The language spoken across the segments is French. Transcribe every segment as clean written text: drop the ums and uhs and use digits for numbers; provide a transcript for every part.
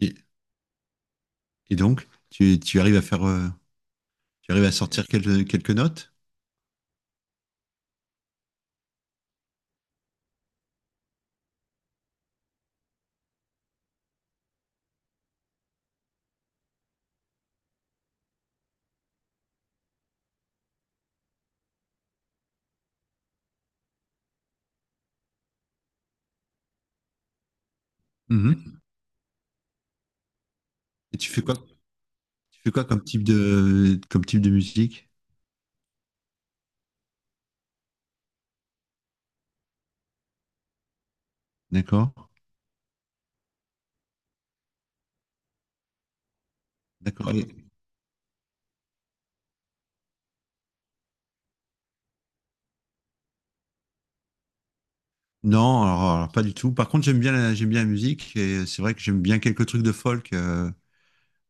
Et, et donc, tu arrives à faire, tu arrives à sortir quelques notes. Mhm. Et tu fais quoi? Tu fais quoi comme comme type de musique? D'accord? D'accord. Non, pas du tout. Par contre, j'aime bien la musique et c'est vrai que j'aime bien quelques trucs de folk. euh,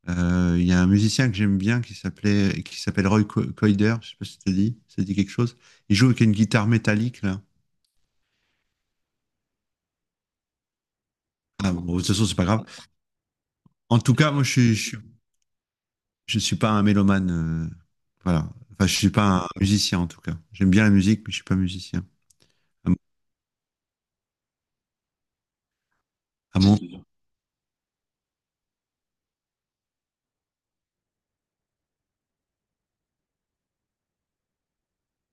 euh, Il y a un musicien que j'aime bien qui s'appelle Roy Coider. Je sais pas si ça te dit quelque chose. Il joue avec une guitare métallique là. Ah bon, de toute façon, c'est pas grave. En tout cas, moi, je suis, je suis Je suis pas un mélomane, euh, voilà. Enfin, je suis pas un musicien en tout cas. J'aime bien la musique, mais je suis pas musicien. À mon, à mon-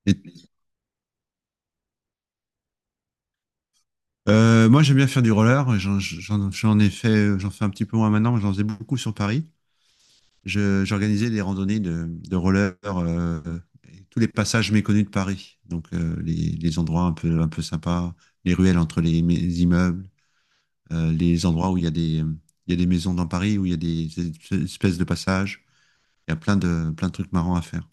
et- Moi, j'aime bien faire du roller. J'en fais un petit peu moins maintenant, mais j'en faisais beaucoup sur Paris. J'organisais des randonnées de roller, et tous les passages méconnus de Paris. Donc, les endroits un peu sympas, les ruelles entre les immeubles, les endroits où il y a des maisons dans Paris, où il y a des espèces de passages. Il y a plein de trucs marrants à faire.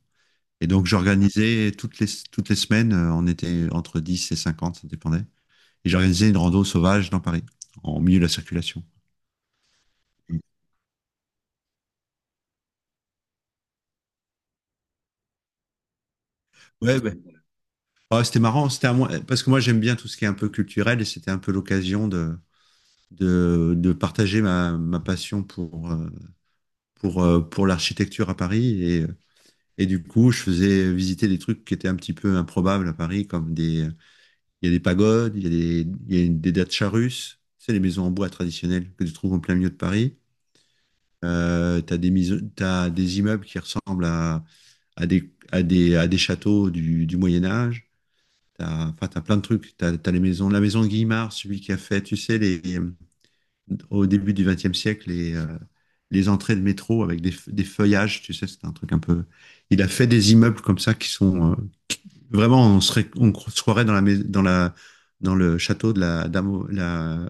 Et donc, j'organisais toutes les semaines, on était entre 10 et 50, ça dépendait. Et j'organisais une rando sauvage dans Paris, en milieu de la circulation. Ouais, ouais. Ah, c'était marrant, c'était un parce que moi j'aime bien tout ce qui est un peu culturel et c'était un peu l'occasion de partager ma passion pour, pour l'architecture à Paris. Et du coup, je faisais visiter des trucs qui étaient un petit peu improbables à Paris, il y a des pagodes, il y a des dachas russes, c'est les maisons en bois traditionnelles que tu trouves en plein milieu de Paris. Tu as t'as des immeubles qui ressemblent à à des châteaux du Moyen Âge. T'as, enfin, t'as plein de trucs. T'as les maisons, la maison Guimard, celui qui a fait, tu sais, les, au début du XXe siècle, les entrées de métro avec des feuillages, tu sais, c'est un truc un peu. Il a fait des immeubles comme ça qui sont vraiment, on serait, se croirait dans la, mais- dans la, dans le château de la dame.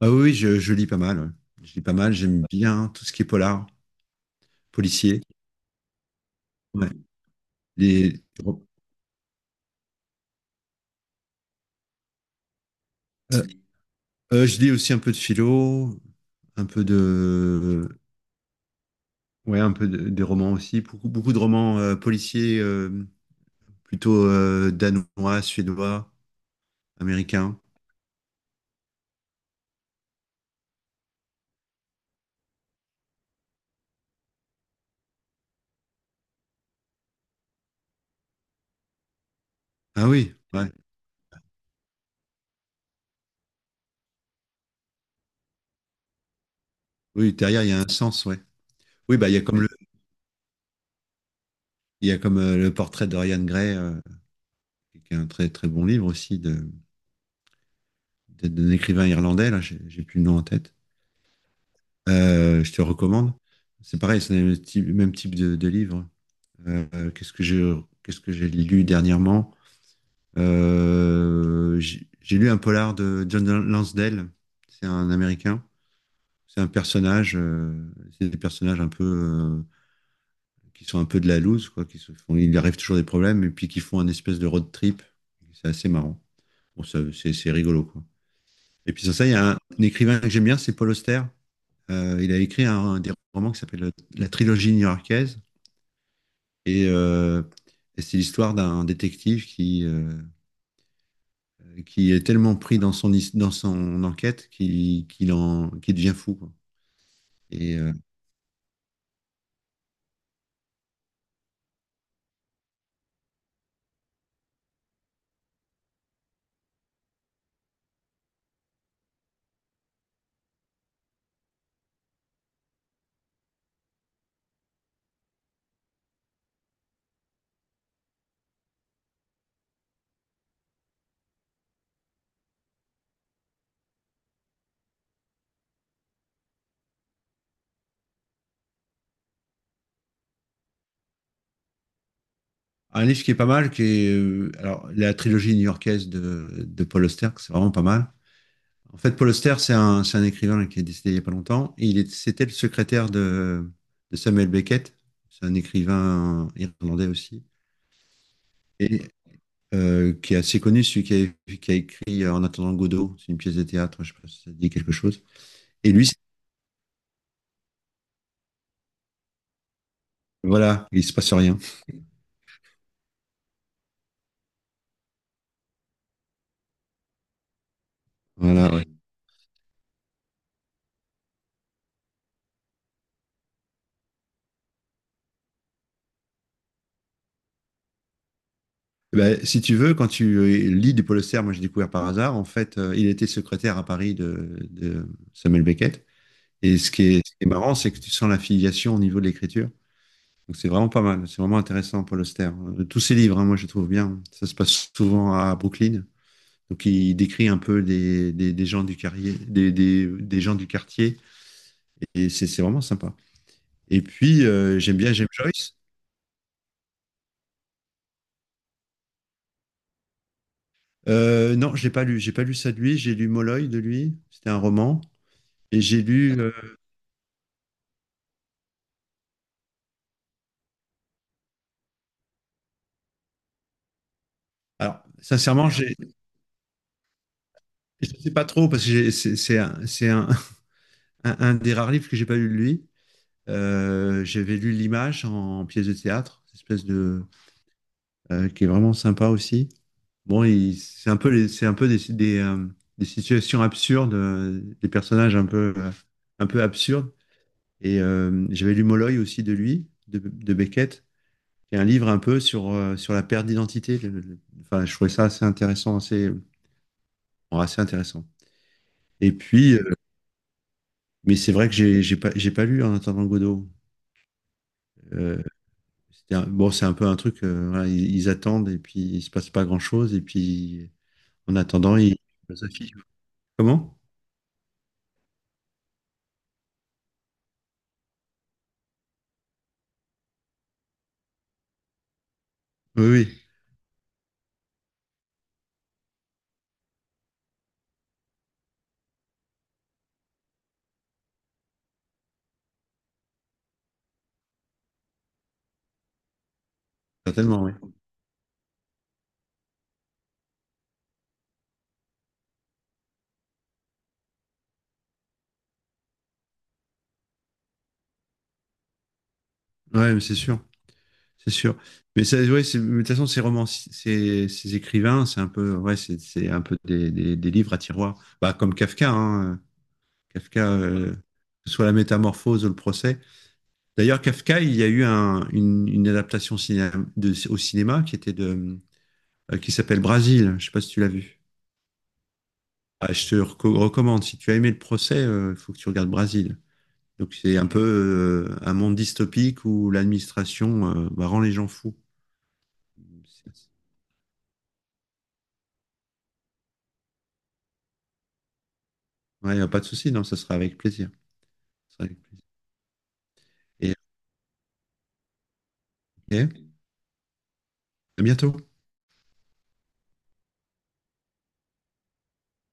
Ah oui, oui, je lis pas mal. Ouais. Je lis pas mal. J'aime bien tout ce qui est polar, policier. Ouais, les- euh, je lis aussi un peu de philo, un peu de, ouais, des romans aussi, beaucoup de romans policiers, plutôt danois, suédois, américains. Ah oui, ouais. Oui, derrière il y a un sens, ouais. Oui, bah il y a comme le portrait de Dorian Gray, qui est un très très bon livre aussi d'un écrivain irlandais. Là, j'ai plus le nom en tête. Je te recommande. C'est pareil, c'est le même type de livre. Euh, qu'est-ce que j'ai qu'est-ce que j'ai lu dernièrement? J'ai lu un polar de John Lansdale. C'est un Américain. C'est un personnage. C'est des personnages un peu qui sont un peu de la loose, quoi. Qui se font, il arrive toujours des problèmes et puis qui font un espèce de road trip. C'est assez marrant. Bon, ça, c'est rigolo, quoi. Et puis sur ça, il y a un écrivain que j'aime bien, c'est Paul Auster. Il a écrit un des romans qui s'appelle La trilogie new-yorkaise. Et, euh, et c'est l'histoire d'un détective qui est tellement pris dans dans son enquête qu'il devient fou, quoi. Et, un livre qui est pas mal, qui est, alors, la trilogie new-yorkaise de Paul Auster, que c'est vraiment pas mal. En fait, Paul Auster, c'est c'est un écrivain là, qui est décédé il y a pas longtemps. C'était le secrétaire de Samuel Beckett. C'est un écrivain irlandais aussi. Et qui est assez connu, celui qui a écrit En attendant Godot. C'est une pièce de théâtre, je sais pas si ça dit quelque chose. Et lui, voilà, il se passe rien. Voilà, ouais. Eh ben, si tu veux, quand tu lis du Polester, moi j'ai découvert par hasard, en fait, il était secrétaire à Paris de Samuel Beckett. Et ce qui est marrant, c'est que tu sens l'affiliation au niveau de l'écriture. Donc c'est vraiment pas mal, c'est vraiment intéressant, Paul Auster. Tous ses livres, hein, moi je les trouve bien. Ça se passe souvent à Brooklyn. Donc il décrit un peu des gens, du quartier, des gens du quartier. Et c'est vraiment sympa. Et puis j'aime bien James Joyce. Non, j'ai pas lu. J'ai pas lu ça de lui. J'ai lu Molloy de lui. C'était un roman. Et j'ai lu. Sincèrement, je ne sais pas trop parce que c'est un des rares livres que j'ai pas lu de lui. J'avais lu L'Image en, pièce de théâtre, cette espèce de qui est vraiment sympa aussi. Bon, c'est un peu c'est un peu des situations absurdes, des personnages un peu absurdes. Et j'avais lu Molloy aussi de lui, de Beckett, qui est un livre un peu sur, sur la perte d'identité. Enfin, je trouvais ça assez intéressant, assez, bon, assez intéressant. Et puis, mais c'est vrai que j'ai pas lu En attendant Godot. Euh, bon, c'est un peu un truc, voilà, ils attendent et puis il se passe pas grand-chose. Et puis, en attendant, ils philosophient. Comment? Oui, oui, certainement, oui. Ouais, mais c'est sûr, c'est sûr. Mais ça, ouais, mais de toute façon, ces romans, ces écrivains, c'est un peu, ouais, c'est un peu des livres à tiroir. Bah, comme Kafka, hein. Kafka, que ce soit La Métamorphose ou Le Procès. D'ailleurs, Kafka, il y a eu une adaptation au cinéma qui était qui s'appelle Brasil. Je ne sais pas si tu l'as vu. Ah, je te recommande. Si tu as aimé Le Procès, il faut que tu regardes Brasil. Donc c'est un peu un monde dystopique où l'administration bah, rend les gens fous. Ouais, y a pas de souci, non, ça sera avec plaisir. Ça sera avec plaisir. Et ok, à bientôt.